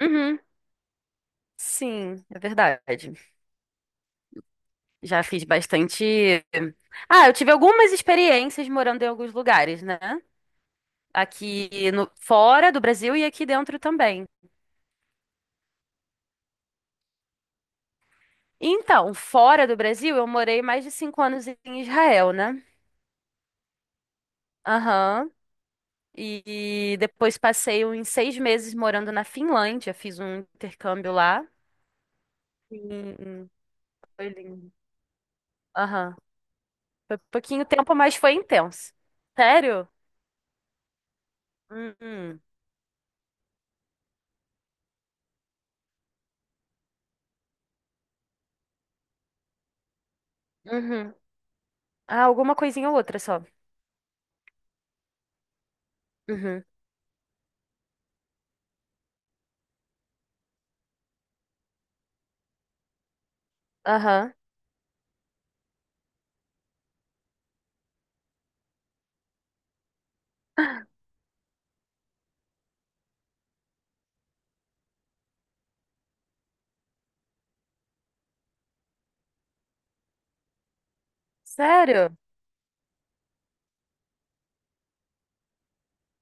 Uhum. Sim, é verdade. Já fiz bastante. Ah, eu tive algumas experiências morando em alguns lugares, né? Aqui no... fora do Brasil e aqui dentro também. Então, fora do Brasil, eu morei mais de 5 anos em Israel, né? Aham. E depois passei uns 6 meses morando na Finlândia. Fiz um intercâmbio lá. Sim, foi lindo. Aham. Foi pouquinho tempo, mas foi intenso. Sério? Uhum. Uhum. Ah, alguma coisinha ou outra só. Uhum. Aham. Sério?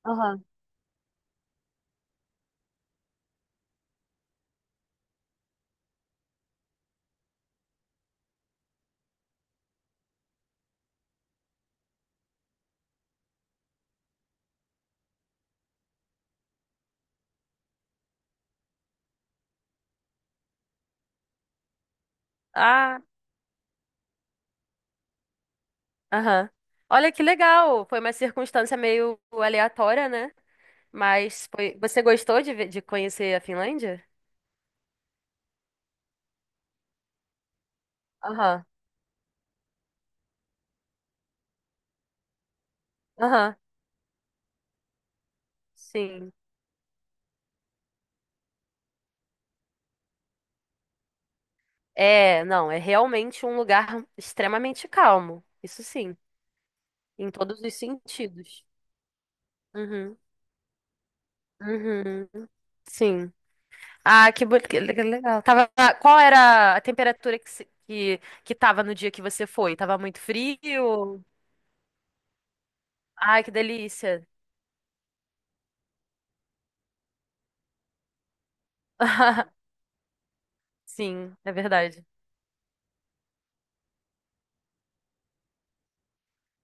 Aham. Ah, aham. Olha que legal. Foi uma circunstância meio aleatória, né? Mas foi... você gostou de, de conhecer a Finlândia? Aham. Aham. Sim. É, não, é realmente um lugar extremamente calmo. Isso sim, em todos os sentidos. Uhum. Uhum. Sim. Ah, que, que legal. Tava, qual era a temperatura que, que tava no dia que você foi? Tava muito frio? Ai, que delícia. Sim, é verdade.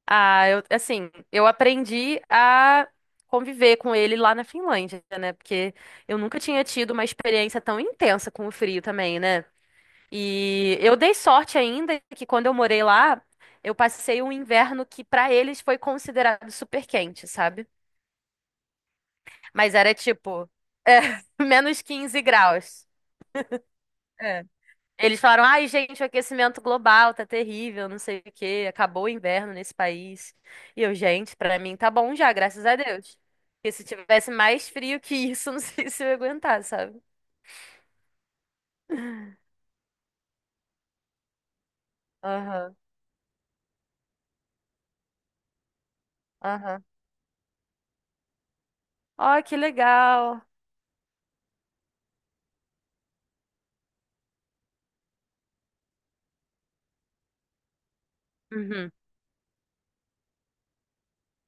Ah, eu, assim, eu aprendi a conviver com ele lá na Finlândia, né? Porque eu nunca tinha tido uma experiência tão intensa com o frio também, né? E eu dei sorte ainda que quando eu morei lá, eu passei um inverno que para eles foi considerado super quente, sabe? Mas era tipo, é, -15 graus. É. Eles falaram, ai, gente, o aquecimento global tá terrível, não sei o quê, acabou o inverno nesse país. E eu, gente, pra mim tá bom já, graças a Deus. Porque se tivesse mais frio que isso, não sei se eu ia aguentar, sabe? Aham, aham. Ó, que legal. Uhum,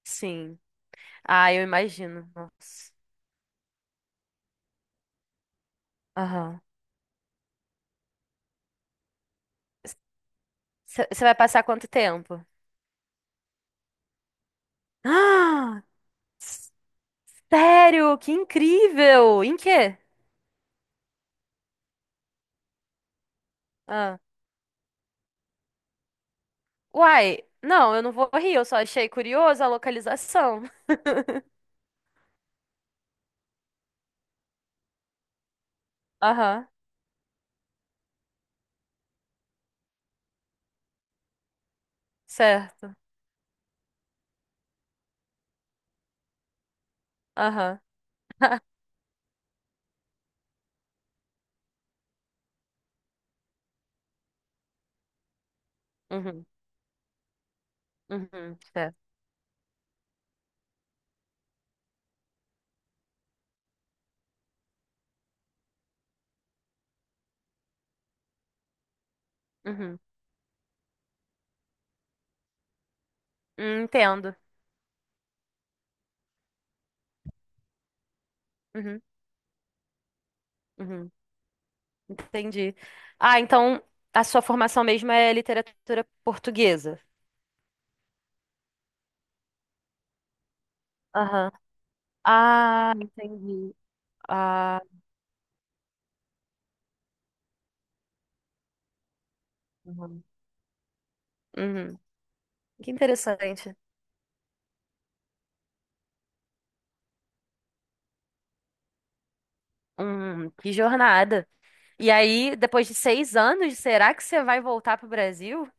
sim. Ah, eu imagino. Nossa. Aham. Você vai passar quanto tempo? Ah, sério? Que incrível! Em quê? Ah. Uai, não, eu não vou rir, eu só achei curiosa a localização. Aham, certo. Aham. Uhum, uhum, certo. Uhum. Entendo. Uhum, uhum, entendi. Ah, então a sua formação mesmo é literatura portuguesa. Aham. Ah, entendi. Ah, uhum. Uhum. Que interessante. Que jornada. E aí, depois de 6 anos, será que você vai voltar para o Brasil?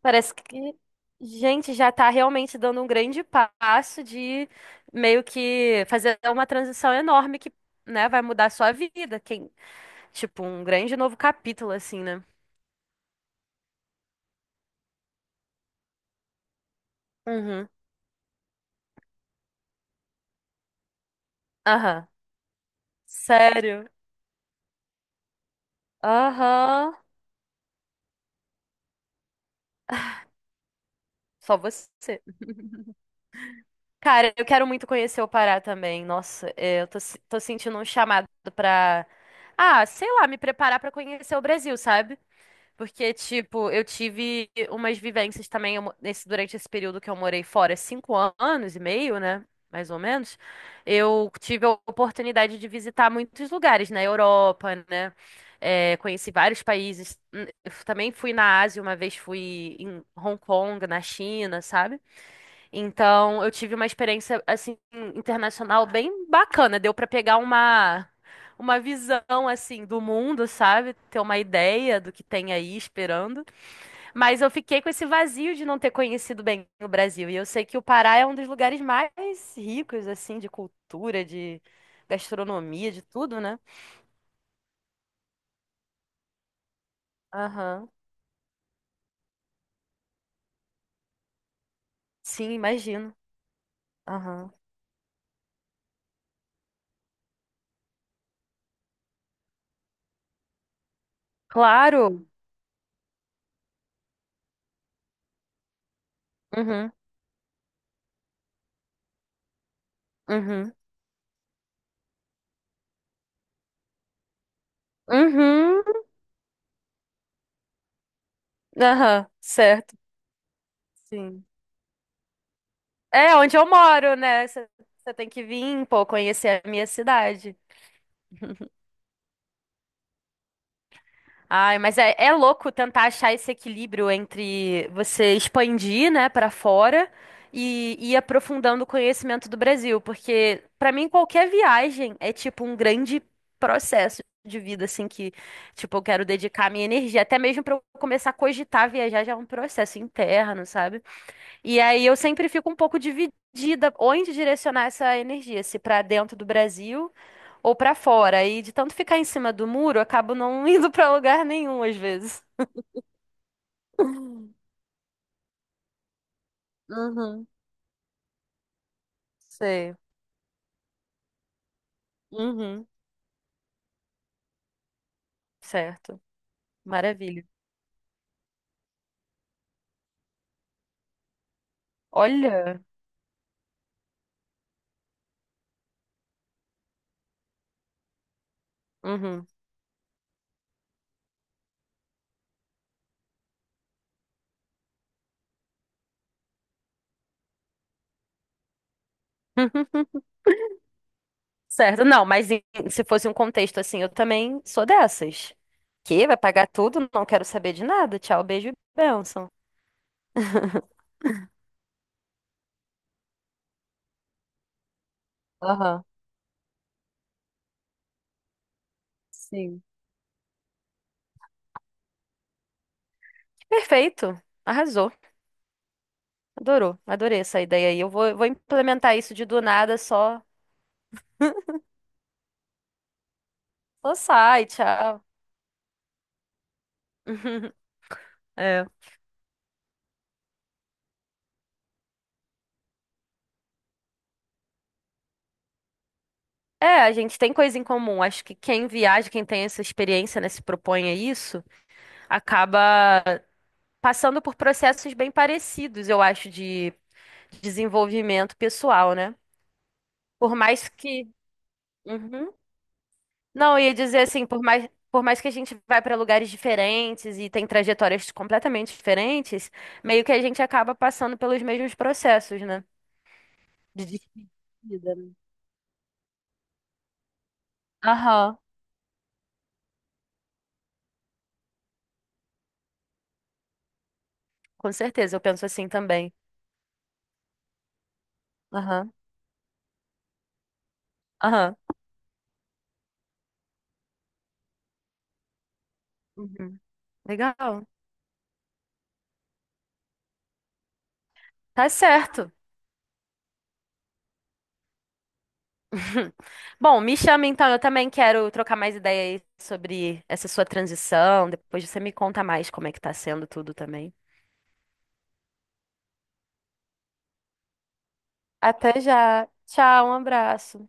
Parece que, gente, já está realmente dando um grande passo de meio que fazer uma transição enorme que, né, vai mudar a sua vida. Quem, tipo, um grande novo capítulo, assim, né? Uhum. Aham. Sério? Aham. Só você. Cara, eu quero muito conhecer o Pará também. Nossa, é, eu tô, tô sentindo um chamado pra. Ah, sei lá, me preparar pra conhecer o Brasil, sabe? Porque, tipo, eu tive umas vivências também nesse, durante esse período que eu morei fora, anos e meio, né? Mais ou menos. Eu tive a oportunidade de visitar muitos lugares na Europa, né? É, conheci vários países. Eu também fui na Ásia, uma vez fui em Hong Kong, na China, sabe? Então, eu tive uma experiência assim internacional bem bacana. Deu pra pegar uma visão assim do mundo, sabe? Ter uma ideia do que tem aí esperando. Mas eu fiquei com esse vazio de não ter conhecido bem o Brasil. E eu sei que o Pará é um dos lugares mais ricos assim de cultura, de gastronomia, de tudo, né? Aham. Sim, imagino. Aham. Claro. Uhum. Uhum. Uhum. Aham, certo. Sim. É onde eu moro, né? Você tem que vir, pô, conhecer a minha cidade. Ai, mas é, é louco tentar achar esse equilíbrio entre você expandir, né, para fora e ir aprofundando o conhecimento do Brasil, porque pra mim qualquer viagem é tipo um grande processo de vida, assim, que, tipo, eu quero dedicar minha energia, até mesmo pra eu começar a cogitar viajar já é um processo interno, sabe? E aí eu sempre fico um pouco dividida onde direcionar essa energia, se para dentro do Brasil ou para fora. E de tanto ficar em cima do muro, eu acabo não indo para lugar nenhum às vezes. Uhum, sei. Uhum, certo. Maravilha. Olha. Uhum. Certo. Não, mas em- se fosse um contexto assim, eu também sou dessas. Que vai pagar tudo, não quero saber de nada. Tchau, beijo e bênção. Aham, sim. Perfeito. Arrasou. Adorou, adorei essa ideia aí. Eu vou implementar isso de do nada, só, só sai, tchau. É. É, a gente tem coisa em comum. Acho que quem viaja, quem tem essa experiência, né, se propõe a isso, acaba passando por processos bem parecidos, eu acho, de desenvolvimento pessoal, né? Por mais que. Uhum. Não, eu ia dizer assim, por mais que a gente vá para lugares diferentes e tem trajetórias completamente diferentes, meio que a gente acaba passando pelos mesmos processos, né? De despedida, né? Aham, com certeza, eu penso assim também. Aham, aham. Uhum. Legal. Tá certo. Bom, me chama então, eu também quero trocar mais ideia aí sobre essa sua transição. Depois você me conta mais como é que tá sendo tudo também. Até já. Tchau, um abraço.